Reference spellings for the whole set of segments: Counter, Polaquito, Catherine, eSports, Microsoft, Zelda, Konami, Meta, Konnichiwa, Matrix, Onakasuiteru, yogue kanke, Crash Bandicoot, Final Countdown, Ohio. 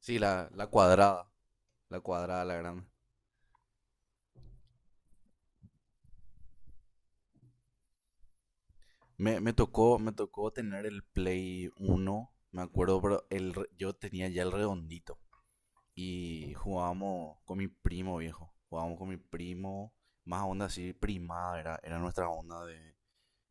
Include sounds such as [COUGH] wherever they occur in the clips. Sí, la cuadrada. La cuadrada, la grande. Me tocó tener el Play uno, me acuerdo, pero yo tenía ya el redondito. Y jugábamos con mi primo, viejo. Jugábamos con mi primo, más onda así, primada, era nuestra onda de...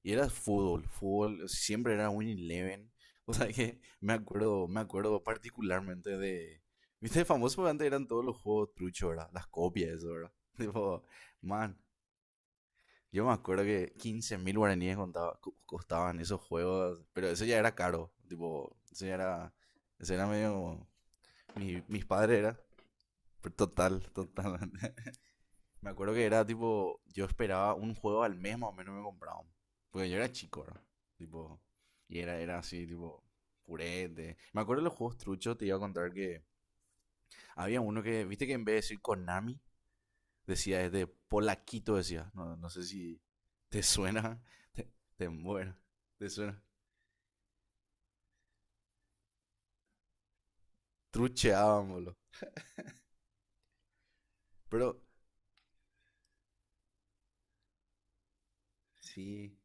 Y era fútbol, fútbol, siempre era un Eleven. [LAUGHS] O sea que me acuerdo particularmente de... ¿Viste? Famoso porque antes eran todos los juegos truchos, ¿verdad? Las copias, eso, ¿verdad? [LAUGHS] Tipo, man, yo me acuerdo que 15.000 guaraníes costaban esos juegos, pero eso ya era caro, tipo, eso ya era, eso era medio, mis padres era, pero total, total. [LAUGHS] Me acuerdo que era tipo, yo esperaba un juego al mes más o menos me compraban, porque yo era chico, ¿verdad? Tipo, y era así, tipo, purete. Me acuerdo de los juegos truchos, te iba a contar que había uno que, viste que en vez de decir Konami, decía, es de Polaquito, decía. No, no sé si te suena, [LAUGHS] te, te muero, te suena. Trucheaban, boludo. Pero sí,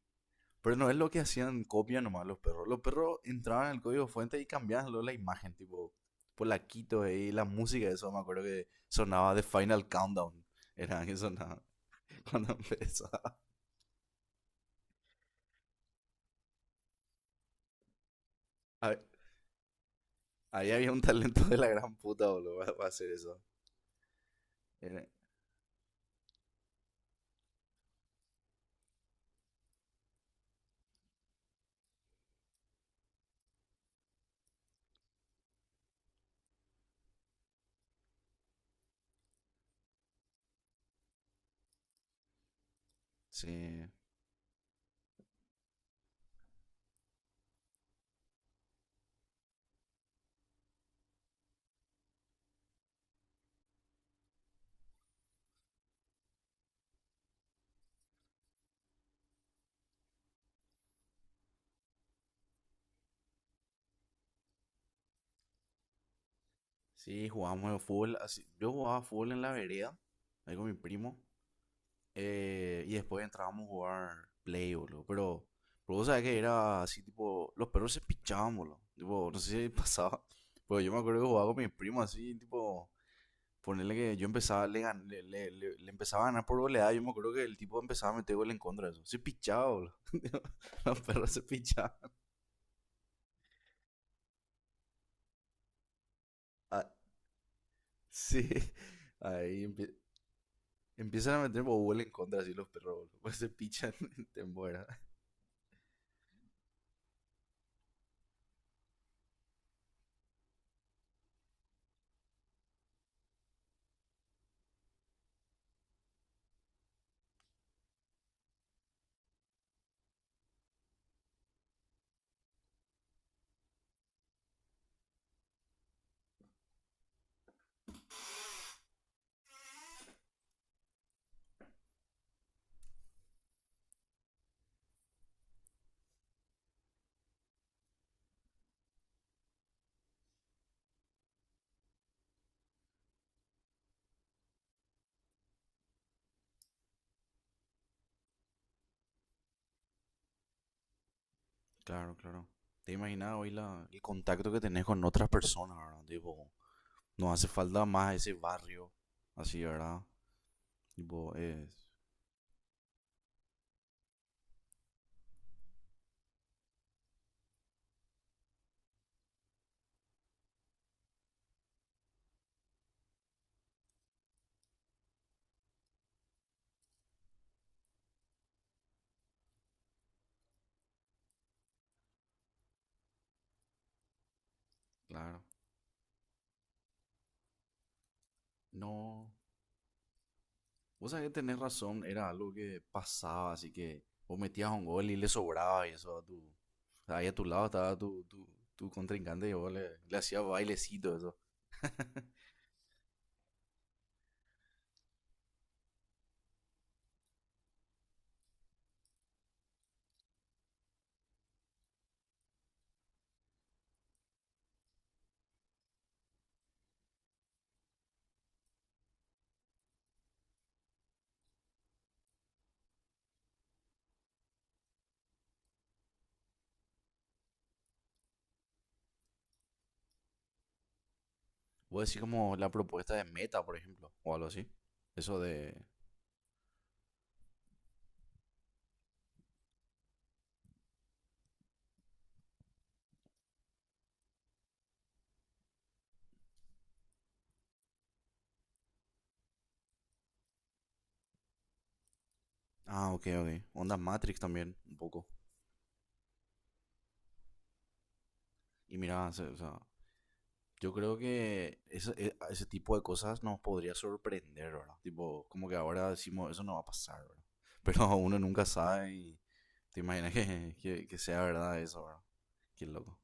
pero no es lo que hacían copia nomás los perros. Los perros entraban en el código fuente y cambiaban luego la imagen, tipo Polaquito, y la música, de eso me acuerdo que sonaba de Final Countdown. Era que sonaba [LAUGHS] cuando empezaba. Ahí había un talento de la gran puta, boludo, para hacer eso. Era, sí. Sí, jugábamos al fútbol. Así, yo jugaba fútbol en la vereda, ahí con mi primo. Y después entrábamos a jugar play, boludo. Pero vos sabés que era así, tipo, los perros se pichaban, boludo. Tipo, no sé si [LAUGHS] pasaba. Pero yo me acuerdo que jugaba con mi primo así, tipo, ponerle que yo empezaba, le, gan- le- le- le empezaba a ganar por goleada. Yo me acuerdo que el tipo empezaba a meter gol en contra de eso. Se pichaba, boludo. [LAUGHS] Los perros se pichaban. Ah, sí. Ahí empie- Empiezan a meter Bobol en contra así los perros, [LAUGHS] boludo. Pues se pichan, [LAUGHS] te muera. Claro, claro. Te imaginas hoy el contacto que tenés con otras personas, ¿verdad? Tipo, no hace falta más ese barrio. Así, ¿verdad? Tipo, es. Claro. No. Vos sabés que tenés razón, era algo que pasaba, así que vos metías un gol y le sobraba y eso a tu. Ahí a tu lado estaba tu contrincante y vos le hacías bailecito, eso. [LAUGHS] Voy a decir como la propuesta de Meta, por ejemplo, o algo así. Eso de... Ah, ok, ok. Ondas Matrix también, un poco. Y mira, o sea, yo creo que ese tipo de cosas nos podría sorprender, ¿verdad? Tipo, como que ahora decimos, eso no va a pasar, ¿verdad? [LAUGHS] Pero uno nunca sabe y te imaginas que sea verdad eso, ¿verdad? Qué loco.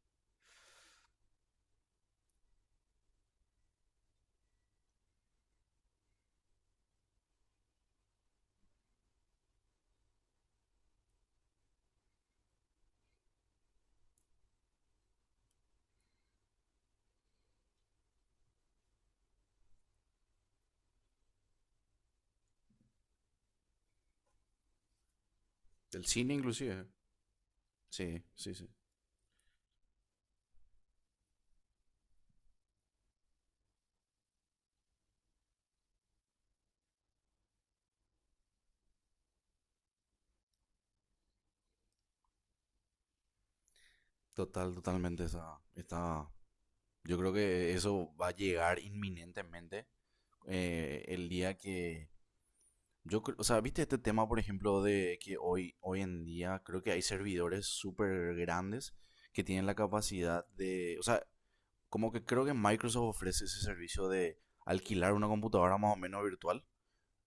El cine inclusive. Sí, sí, sí. Total, totalmente. Yo creo que eso va a llegar inminentemente, el día que... O sea, viste este tema, por ejemplo, de que hoy en día creo que hay servidores súper grandes que tienen la capacidad de... O sea, como que creo que Microsoft ofrece ese servicio de alquilar una computadora más o menos virtual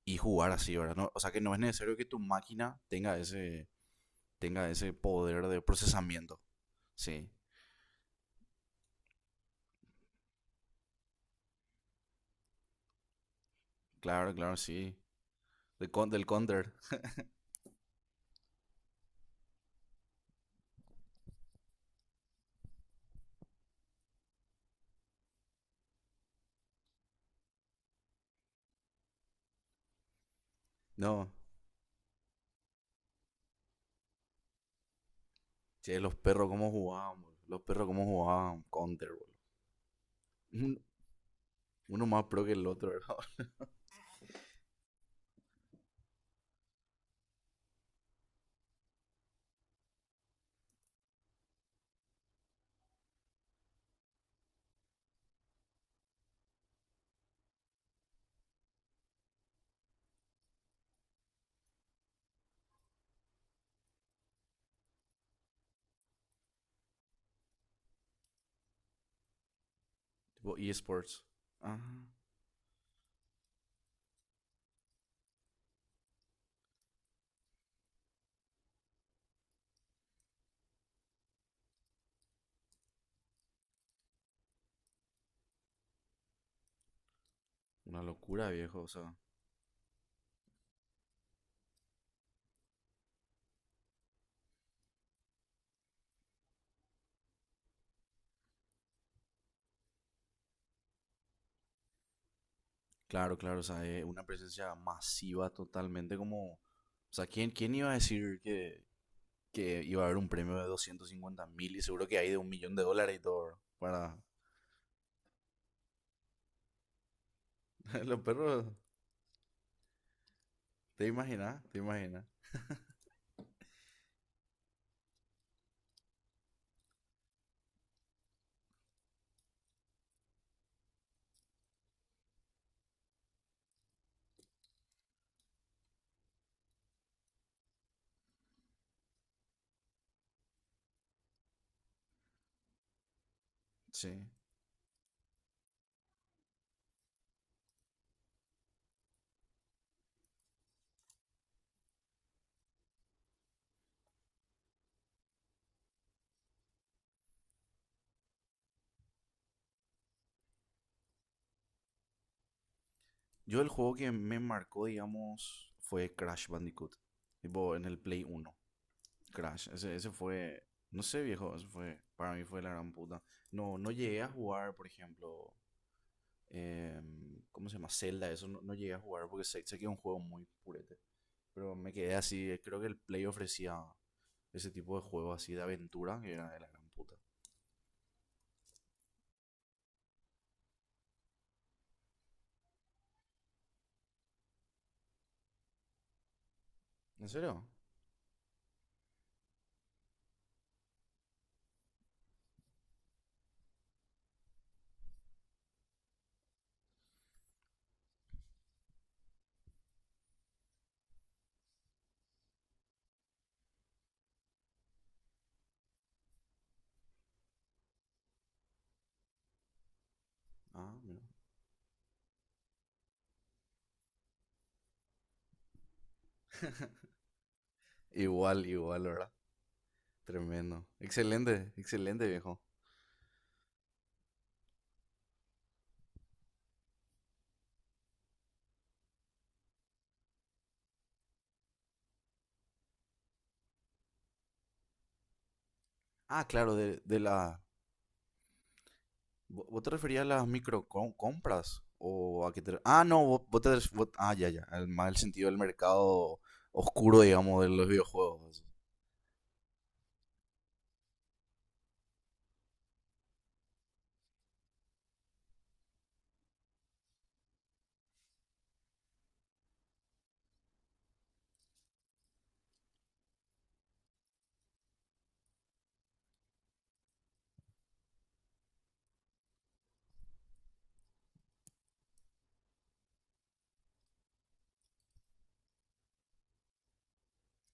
y jugar así, ¿verdad? O sea, que no es necesario que tu máquina tenga ese poder de procesamiento. Sí, claro, claro, sí. Del Counter. No, che, los perros cómo jugaban, boludo. Los perros cómo jugaban Counter, boludo. [LAUGHS] Uno más pro que el otro, ¿verdad? [LAUGHS] Tipo eSports. Ajá. Una locura, viejo. O sea, claro, claro. O sea, es una presencia masiva totalmente como... O sea, ¿quién iba a decir que iba a haber un premio de 250.000 y seguro que hay de un millón de dólares y todo, ¿verdad? Para [LAUGHS] los perros, ¿te imaginas? ¿Te imaginas? Sí. Yo el juego que me marcó, digamos, fue Crash Bandicoot. Tipo, en el Play uno, Crash, ese fue, no sé, viejo, eso fue, para mí fue la gran puta. No, no llegué a jugar, por ejemplo, ¿cómo se llama? Zelda, eso no, no llegué a jugar porque sé que es un juego muy purete. Pero me quedé así, creo que el Play ofrecía ese tipo de juego así de aventura que era de la gran puta. ¿En serio? Ah, mira. Igual, igual, ¿verdad? Tremendo. Excelente, excelente, viejo. Ah, claro, ¿Vos te referías a las microcompras? ¿O a qué te... Ah, no, vos te... Ah, ya, ya. Más el sentido del mercado oscuro, digamos, de los videojuegos.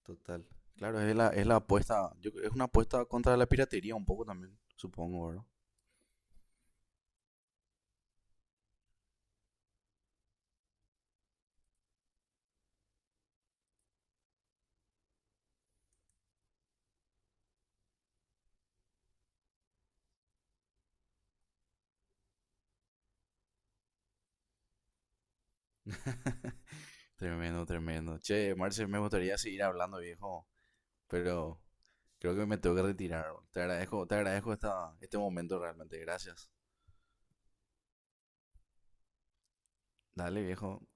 Total. Claro, es la apuesta. Es una apuesta contra la piratería un poco también, supongo, ¿verdad? [LAUGHS] Tremendo, tremendo. Che, Marce, me gustaría seguir hablando, viejo, pero creo que me tengo que retirar. Te agradezco este momento realmente. Gracias. Dale, viejo.